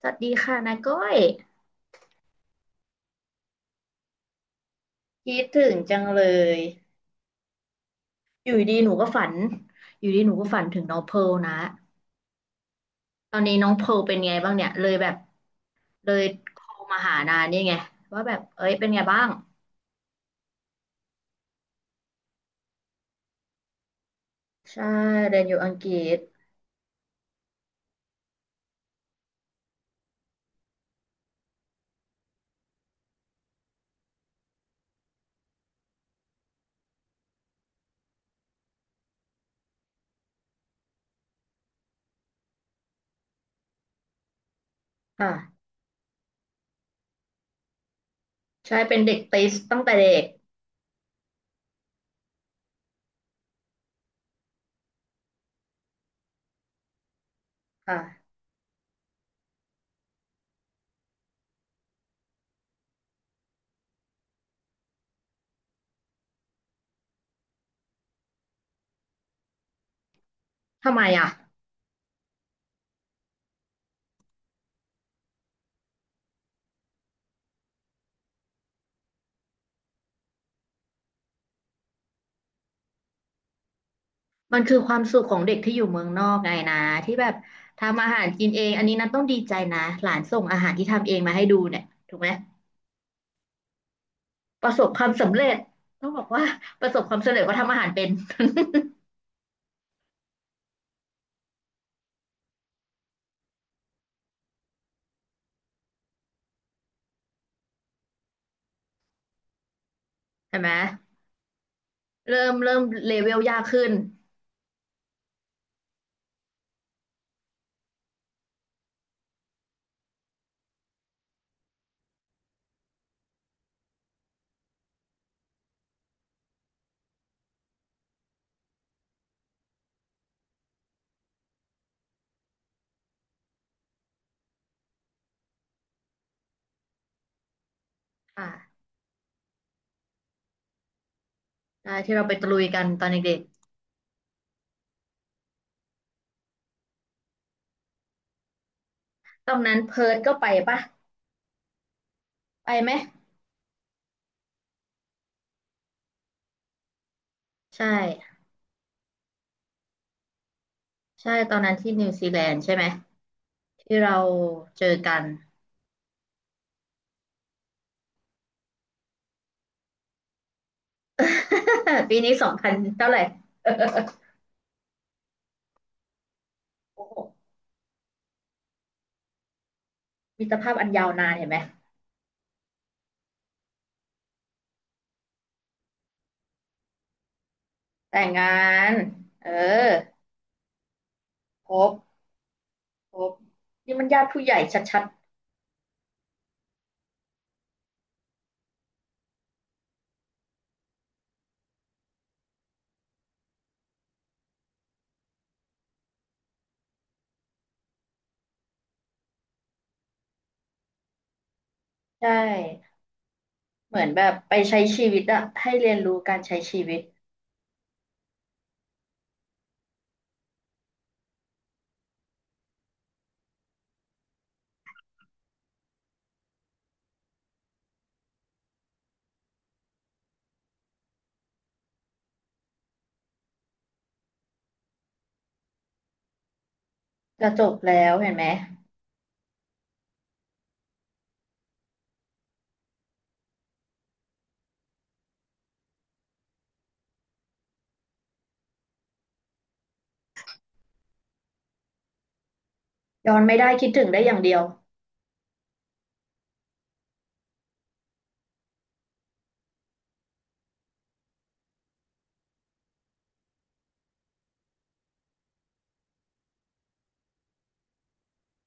สวัสดีค่ะนาก้อยคิดถึงจังเลยอยู่ดีหนูก็ฝันอยู่ดีหนูก็ฝันถึงน้องเพิร์ลนะตอนนี้น้องเพิร์ลเป็นไงบ้างเนี่ยเลยแบบเลยโทรมาหานานี่ไงว่าแบบเอ้ยเป็นไงบ้างใช่เรียนอยู่อังกฤษค่ะใช่เป็นเด็กติสตั้งแต่เด็กค่ะทำไมอ่ะมันคือความสุขของเด็กที่อยู่เมืองนอกไงนะที่แบบทำอาหารกินเองอันนี้นันต้องดีใจนะหลานส่งอาหารที่ทำเองมาให้ดูเนี่ยถูกไหม ประสบความสำเร็จต้องบอกว่าประสบความสำเร็จว่าทำอาหารเป็น เห็นไหมเริ่มเลเวลยากขึ้นอ่าได้ที่เราไปตะลุยกันตอนเด็กๆตอนนั้นเพิร์ทก็ไปปะไปไหมใช่ใช่ตอนนั้นที่นิวซีแลนด์ใช่ไหมที่เราเจอกัน ปีนี้2000เท่าไหร่โอ้โหมิตรภาพอันยาวนานเห็นไหมแต่งงานเออครบครบนี่มันญาติผู้ใหญ่ชัดๆใช่ เหมือนแบบไปใช้ชีวิตอะให้เรียนรู้การใช้ชีวิตจะจบแล้วเห็นไหมย้อนไม่ได้คิดถึงได้อย่างเดียว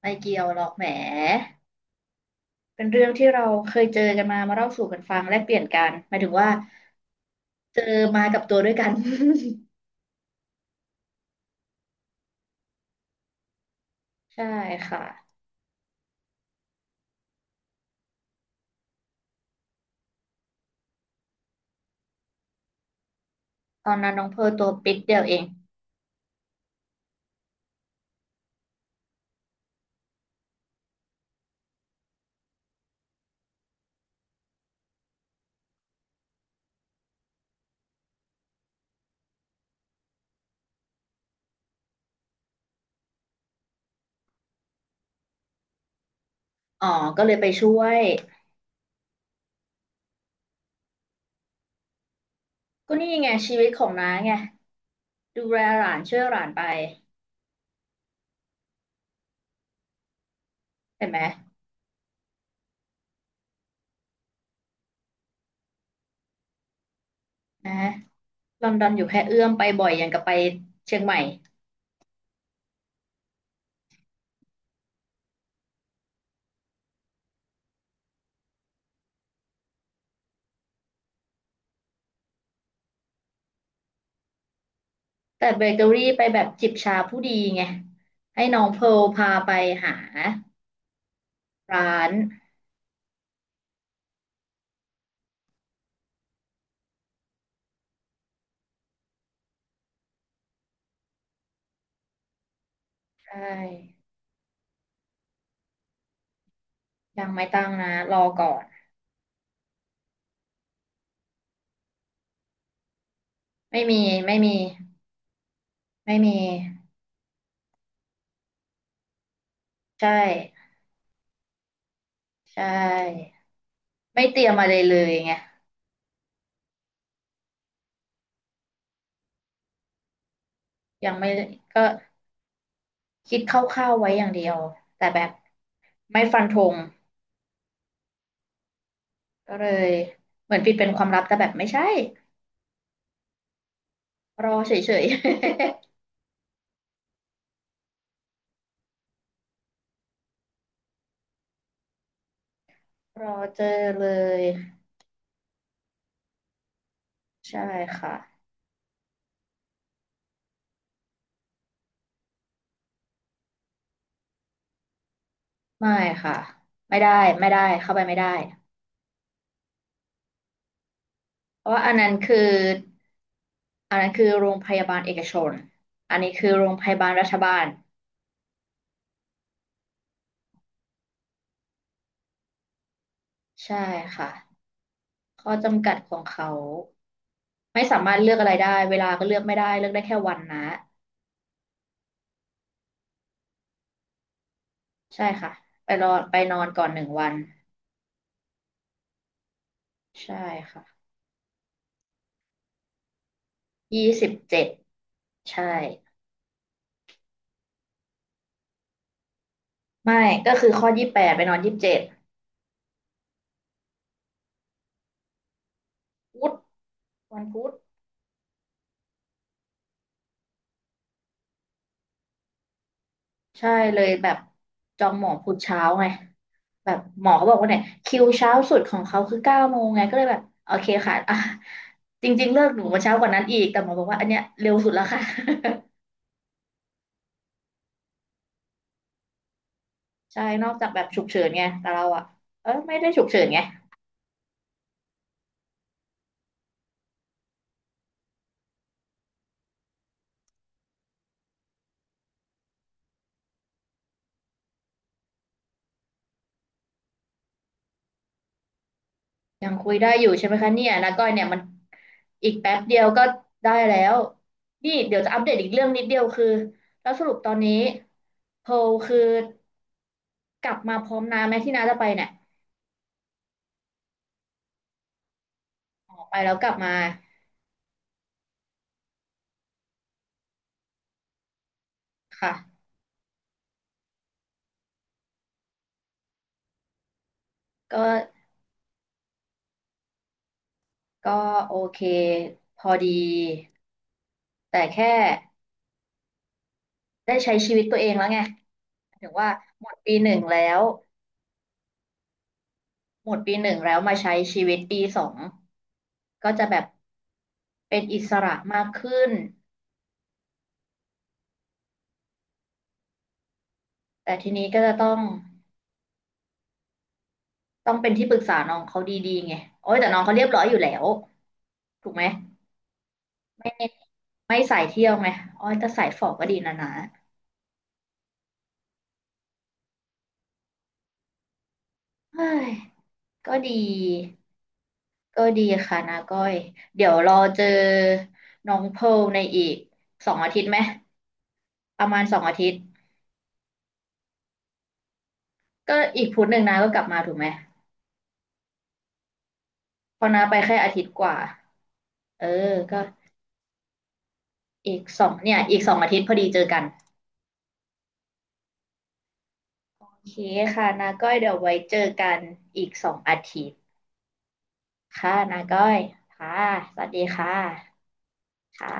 ไม่เกี่ยวหรอกแหมเป็นเรื่องที่เราเคยเจอกันมามาเล่าสู่กันฟังแลกเปลี่ยนกันหมายถึงว่าเจอมากับตัวด้วยกัน ใช่ค่ะตอนนั้นน้องเพร์ลตัวปิ๊กเดียวเองอ๋อก็เลยไปช่วยก็นี่ไงชีวิตของน้าไงดูแลหลานช่วยหลานไปเห็นไหมนะลอนดอนอยู่แค่เอื้อมไปบ่อยอย่างกับไปเชียงใหม่ แต่เบเกอรี่ไปแบบจิบชาผู้ดีไงให้น้องเพร์ลพาไปหาร้านใช่ยังไม่ตั้งนะรอก่อนไม่มีไม่มีไม่มีใช่ใช่ไม่เตรียมอะไรเลยไงยังไม่ก็คิดคร่าวๆไว้อย่างเดียวแต่แบบไม่ฟันธงก็เลยเหมือนปิดเป็นความลับแต่แบบไม่ใช่รอเฉยๆ รอเจอเลยใช่ค่ะ ไม่ค่ะไม่ได้ไม่ได้เข้าไปไม่ได้เพราะว่าอันนั้นคืออันนั้นคือโรงพยาบาลเอกชนอันนี้คือโรงพยาบาลรัฐบาลใช่ค่ะข้อจำกัดของเขาไม่สามารถเลือกอะไรได้เวลาก็เลือกไม่ได้เลือกได้แค่วันนะใช่ค่ะไปรอไปนอนก่อน1 วันใช่ค่ะยี่สิบเจ็ดใช่ไม่ก็คือข้อ28ไปนอนยี่สิบเจ็ดพุธวันพุธ ใช่เลยแบบจองหมอพุธเช้าไงแบบหมอเขาบอกว่าเนี่ยคิวเช้าสุดของเขาคือ9 โมงไงก็เลยแบบโอเคค่ะอ่ะจริงๆเลิกหนูมาเช้ากว่านั้นอีกแต่หมอบอกว่าอันเนี้ยเร็วสุดแล้วค่ะ ใช่นอกจากแบบฉุกเฉินไงแต่เราอะเออไม่ได้ฉุกเฉินไงยังคุยได้อยู่ใช่ไหมคะเนี่ยนะก้อยเนี่ยมันอีกแป๊บเดียวก็ได้แล้วนี่เดี๋ยวจะอัปเดตอีกเรื่องนิดเดียวคือแล้วสรุปตอนนี้โพลคือกลับมาพร้อมน้าไหมที่น้าจะไปเนี่ยออกไปแล้วกลับมา ค่ะก็ก็โอเคพอดีแต่แค่ได้ใช้ชีวิตตัวเองแล้วไงถึงว่าหมดปีหนึ่งแล้วหมดปีหนึ่งแล้วมาใช้ชีวิตปี 2ก็จะแบบเป็นอิสระมากขึ้นแต่ทีนี้ก็จะต้องต้องเป็นที่ปรึกษาน้องเขาดีๆไงโอ้ยแต่น้องเขาเรียบร้อยอยู่แล้วถูกไหมไม่สายเที่ยวไหมโอ้ยแต่สายฝอก็ดีนะนะเฮ้ยก็ดี ก็ดีค่ะนาก้อยเดี๋ยวรอเจอน้องเพร์ลในอีกสองอาทิตย์ไหมประมาณสองอาทิตย์ก็อีกพุธหนึ่งนาก็กลับมาถูกไหมเพอนาไปแค่อาทิตย์กว่าเออก็อีกสองเนี่ยอีกสองอาทิตย์พอดีเจอกันโอเคค่ะนาก้อยเดี๋ยวไว้เจอกันอีกสองอาทิตย์ค่ะนาก้อยค่ะสวัสดีค่ะค่ะ